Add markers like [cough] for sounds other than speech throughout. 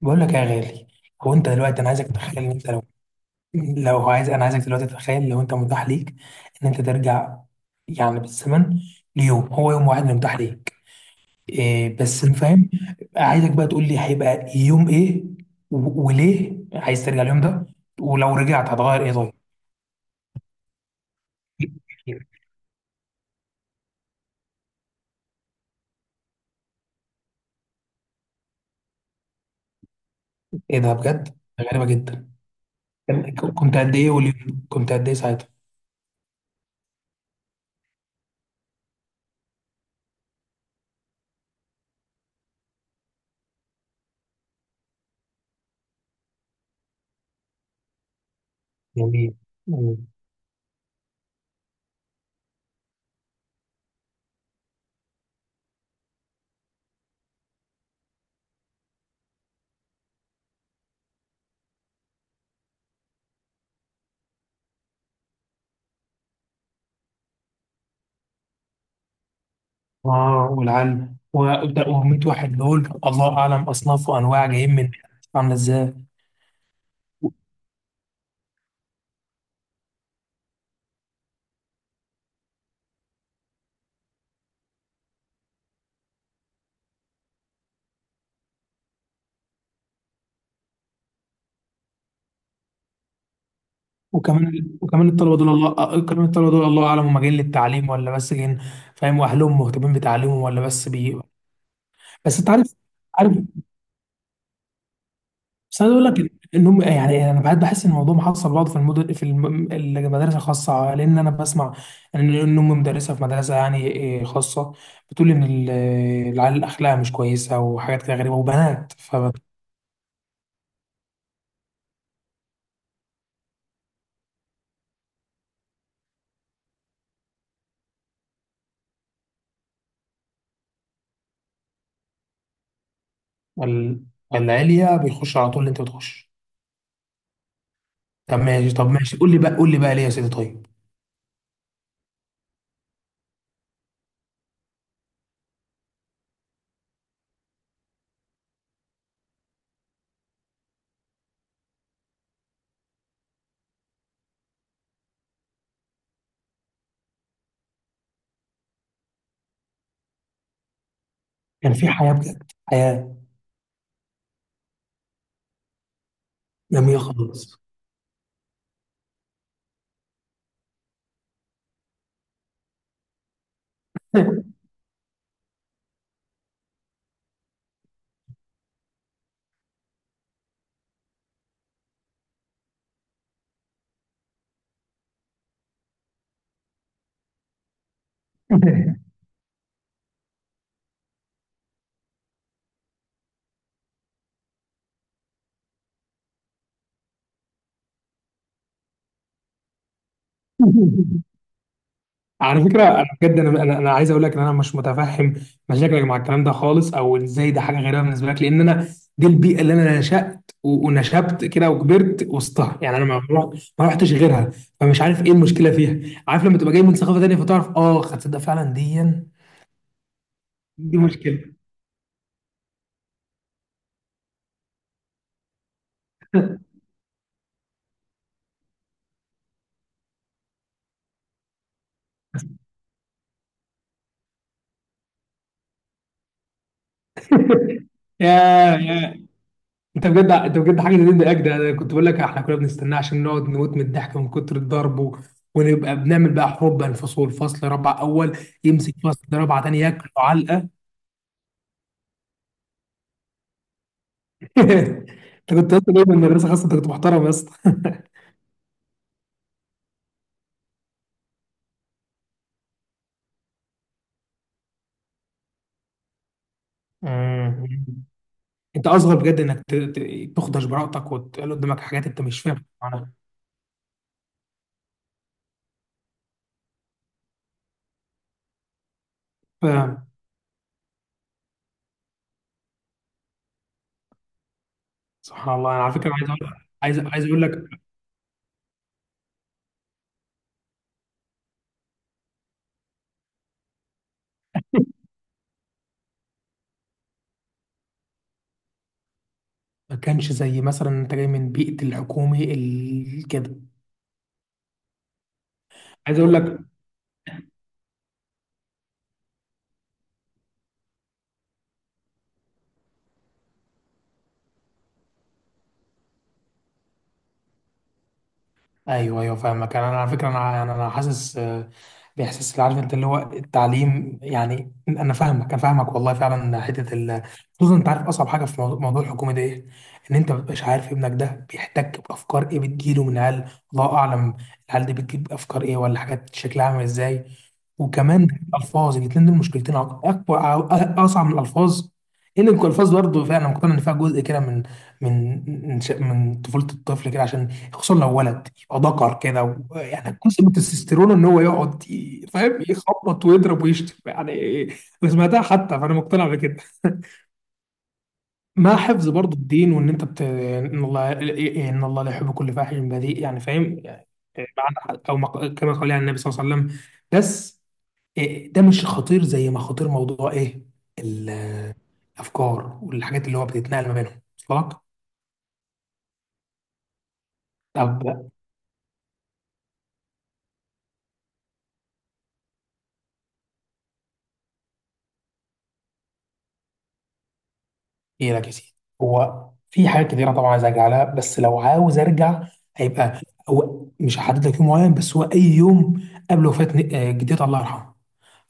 بقول لك يا غالي. هو انت دلوقتي انا عايزك تتخيل ان انت لو [clears throat] لو عايز، انا عايزك دلوقتي تتخيل لو انت متاح ليك ان انت ترجع يعني بالزمن ليوم، هو يوم واحد اللي متاح ليك. إيه بس أنا فاهم. عايزك بقى تقول لي هيبقى يوم ايه وليه عايز ترجع اليوم ده، ولو رجعت هتغير ايه طيب. ايه ده بجد غريبة جدا. كنت قد ايه واليوم كنت قد ايه ساعتها. جميل. اه، والعلم وابدا، وميت واحد دول الله اعلم اصناف وانواع جايين من، عامله ازاي. وكمان الطلبه دول الله، كمان الطلبه دول الله اعلم هم جايين للتعليم ولا بس جايين، فاهم، واهلهم مهتمين بتعليمهم ولا بس بي. بس انت عارف، عارف. بس انا اقول لك ان هم، يعني انا بعد بحس ان الموضوع محصل بعض في المدن في المدارس الخاصه، لان انا بسمع ان امي مدرسه في مدرسه يعني خاصه، بتقول ان العيال اخلاقها مش كويسه وحاجات كده غريبه وبنات. وال- والعليا بيخش على طول اللي انت بتخش. طب ماشي، طب ماشي، قول لي بقى، قول لي بقى ليه يا سيدي طيب. كان في حياه بجد، حياه جميله خالص. [laughs] على فكره انا بجد، انا أنا عايز اقول لك ان انا مش متفهم مشاكلك مع الكلام ده خالص، او ازاي ده حاجه غريبه بالنسبه لك، لان انا دي البيئه اللي انا نشات ونشبت كده وكبرت وسطها، يعني انا ما رحتش غيرها، فمش عارف ايه المشكله فيها. عارف، لما تبقى جاي من ثقافه تانيه فتعرف اه خد ده فعلا دي دي مشكله. [laughs] يا، يا انت بجد، انت بجد حاجه زي دي اجدى. انا كنت بقول لك احنا كنا بنستناه عشان نقعد نموت من الضحك ومن كتر الضرب ونبقى بنعمل بقى حروب بين فصول، فصل رابعه اول يمسك فصل رابعه تاني ياكل علقه. [laughs] انت كنت اصلا جاي من المدرسه خاصه، انت كنت محترم يا اسطى. [laughs] مم. انت اصغر بجد انك تخدش براءتك وتقول قدامك حاجات انت مش فاهم معناها. فاهم. سبحان الله، انا على فكره عايز اقول، عايز اقول لك، ما كانش زي مثلا انت جاي من بيئه الحكومي كده. عايز اقول لك، ايوه ايوه فاهمك. أنا على فكره انا يعني انا حاسس باحساس اللي عارف انت اللي هو التعليم، يعني انا فاهمك انا فاهمك والله فعلا، حته خصوصا، انت عارف اصعب حاجه في موضوع، موضوع الحكومه ده ايه؟ ان انت مبتبقاش عارف ابنك ده بيحتك بافكار ايه بتجيله من عيال، الله اعلم، العيال دي بتجيب افكار ايه ولا حاجات شكلها عامل ازاي. وكمان الالفاظ، الاثنين دول مشكلتين، اكبر اصعب من الالفاظ، ان الالفاظ برضه فعلا مقتنع ان فيها جزء كده من من من طفوله الطفل كده، عشان خصوصا لو ولد ذكر كده يعني جزء من التستيرون ان هو يقعد فاهم، يخبط ويضرب ويشتم يعني. انا سمعتها حتى، فانا مقتنع بكده. [laughs] مع حفظ برضه الدين، وان انت بت... ان الله، ان الله لا يحب كل فاحش بذيء، يعني فاهم يعني معنى كما قال يعني النبي صلى الله عليه وسلم. بس إيه، ده مش خطير زي ما خطير موضوع ايه، ال- الافكار والحاجات اللي هو بتتنقل ما بينهم. وصل لك؟ طب ايه لك يا سيدي، هو في حاجات كتيره طبعا عايز ارجع لها، بس لو عاوز ارجع هيبقى، هو مش هحدد لك يوم معين، بس هو اي يوم قبل وفاه جدتي الله يرحمها.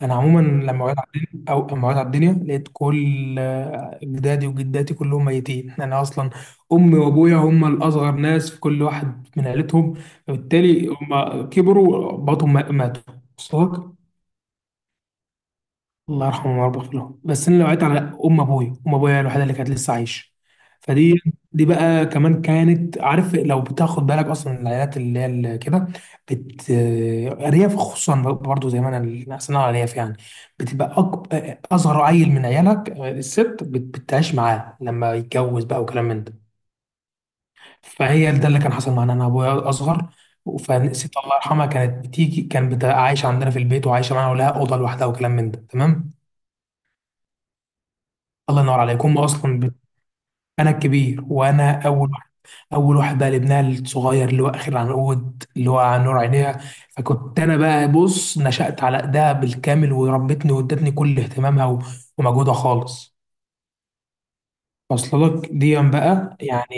انا عموما لما وعيت على الدنيا، او لما وعيت على الدنيا لقيت كل جدادي وجداتي كلهم ميتين، انا اصلا امي وابويا هم الاصغر ناس في كل واحد من عيلتهم، فبالتالي هم كبروا بعضهم ماتوا. وصلك؟ الله يرحمه ويربط له. بس انا وقعت على ام ابويا، ام ابويا الوحيده اللي كانت لسه عايشه، فدي، دي بقى كمان كانت، عارف لو بتاخد بالك اصلا العائلات اللي هي اللي كده بت، ارياف خصوصا، برضو زي ما انا احسن، على الارياف يعني بتبقى اصغر عيل من عيالك الست بتعيش معاه لما يتجوز بقى وكلام من ده. فهي ده اللي كان حصل معانا، انا ابويا اصغر، فالست الله يرحمها كانت بتيجي، كانت بتبقى عايشه عندنا في البيت وعايشه معانا ولها اوضه لوحدها وكلام من ده تمام. الله ينور عليك. هم اصلا بت... انا الكبير، وانا اول واحد، اول واحد بقى لابنها الصغير اللي هو اخر عنقود اللي هو عن نور عينيها، فكنت انا بقى بص نشأت على ايدها بالكامل، وربتني وادتني كل اهتمامها و... ومجهودها خالص. وصل لك ديا بقى يعني؟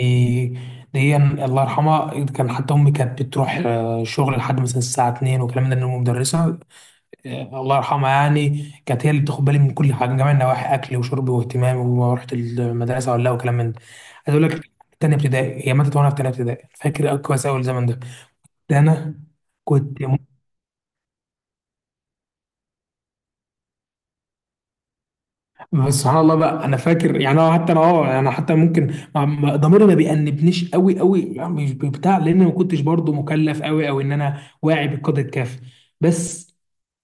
ديا الله يرحمها، كان حتى امي كانت بتروح شغل لحد مثلا الساعه 2 وكلام ده، إن أمي مدرسه. الله يرحمها، يعني كانت هي اللي بتاخد بالي من كل حاجه، من جميع النواحي، اكل وشرب واهتمام ورحت المدرسه ولا لا وكلام من ده. عايز اقول لك، تانية ابتدائي هي ماتت، وانا في تانية ابتدائي. فاكر كويس قوي الزمن ده. ده انا كنت م- بس سبحان الله بقى انا فاكر يعني. أنا حتى انا اه انا حتى ممكن ضميري ما بيأنبنيش قوي قوي يعني، مش بتاع، لان ما كنتش برضو مكلف قوي او ان انا واعي بالقدر الكافي. بس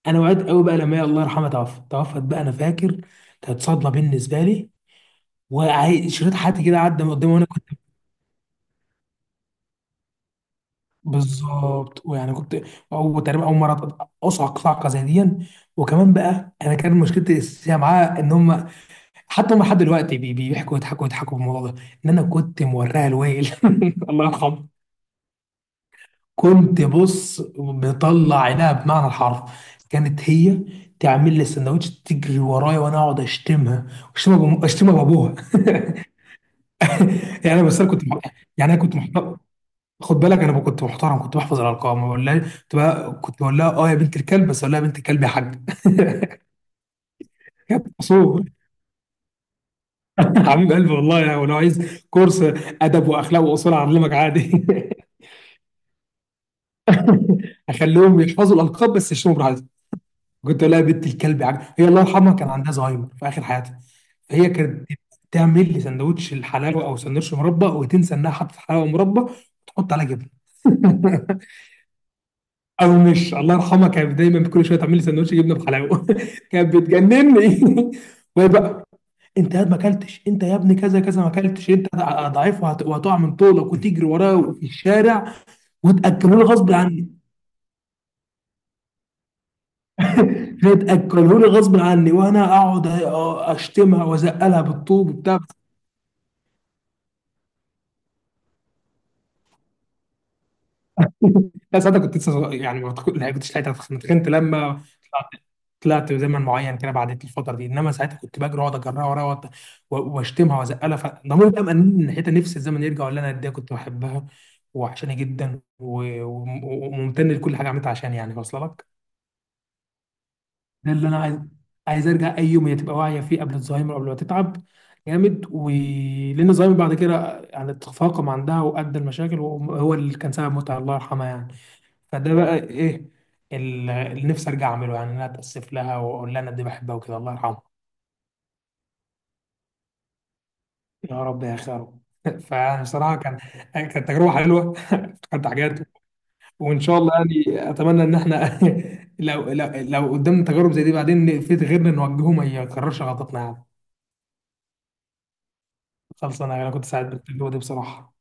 انا وعيت قوي بقى لما هي الله يرحمها توفت بقى. انا فاكر كانت صدمه بالنسبه لي، شريط حياتي كده عدى من قدامي وانا كنت بالظبط. ويعني كنت اول تقريبا اول مره اصعق صعقه زي دي. وكمان بقى انا كان مشكلتي الاساسيه معاه ان هم، حتى هم لحد دلوقتي بيحكوا يضحكوا، يضحكوا بالموضوع ده ان انا كنت موريها الويل. [laughs] الله يرحمه. كنت بص بطلع عينها بمعنى الحرف. كانت هي تعمل لي السندوتش، تجري ورايا وانا اقعد اشتمها، اشتمها بابوها. [laughs] يعني انا كنت، يعني انا كنت محترم، خد بالك انا كنت محترم، كنت بحفظ الارقام ما بقولهاش، كنت بقول لها اه يا بنت الكلب، بس اقول لها يا بنت الكلب يا حاج. [laughs] كانت مصوب. [laughs] حبيب قلبي والله يعني، ولو عايز كورس ادب واخلاق واصول اعلمك عادي. [laughs] اخليهم يحفظوا الالقاب بس، يشتموا براحتهم. كنت اقول لها يا بنت الكلب يا حاج. هي الله يرحمها كان عندها زهايمر في اخر حياتها، فهي كانت تعمل لي سندوتش الحلاوه او سندوتش مربى، وتنسى انها حطت حلاوه مربى وتحط عليها جبنه. [laughs] او مش، الله يرحمها كانت دايما كل شويه تعمل لي سندوتش جبنه بحلاوه. [laughs] كانت بتجنني. [laughs] وهي بقى، انت يا ما اكلتش، انت يا ابني كذا كذا ما اكلتش، انت ضعيف وهتقع من طولك، وتجري وراه في الشارع وتاكله لي غصب عني. تاكله لي غصب عني وانا اقعد اشتمها وازقلها بالطوب وبتاع. لا ساعتها كنت لسه صغير، يعني ما كنتش لحقت اتخنت، لما طلعت زمن معين كده بعدت الفتره دي. انما ساعتها كنت بجري، واقعد اجرها وراها واشتمها وازقلها، فضميري بقى مأنبني من ناحيتها. نفسي الزمن يرجع، ولا انا قد ايه كنت بحبها وعشاني جدا، وممتن لكل حاجه عملتها عشان، يعني واصله لك؟ ده اللي انا عايز، عايز ارجع اي يوم هي تبقى واعيه فيه قبل الزهايمر، قبل ما تتعب جامد، ولان الزهايمر بعد كده يعني تفاقم عندها وادى المشاكل وهو اللي كان سبب موتها الله يرحمها يعني. فده بقى ايه اللي نفسي ارجع اعمله، يعني ان انا اتاسف لها واقول لها انا قد إيه بحبها وكده، الله يرحمها. يا رب يا خير. [laughs] فيعني صراحة كان، كانت تجربة حلوة. [laughs] افتكرت حاجات، وإن شاء الله يعني، أتمنى إن إحنا [laughs] لو قدامنا تجارب زي دي بعدين في غيرنا نوجهه ما يكررش غلطتنا يعني. خلص أنا كنت سعيد بالتجربة دي بصراحة.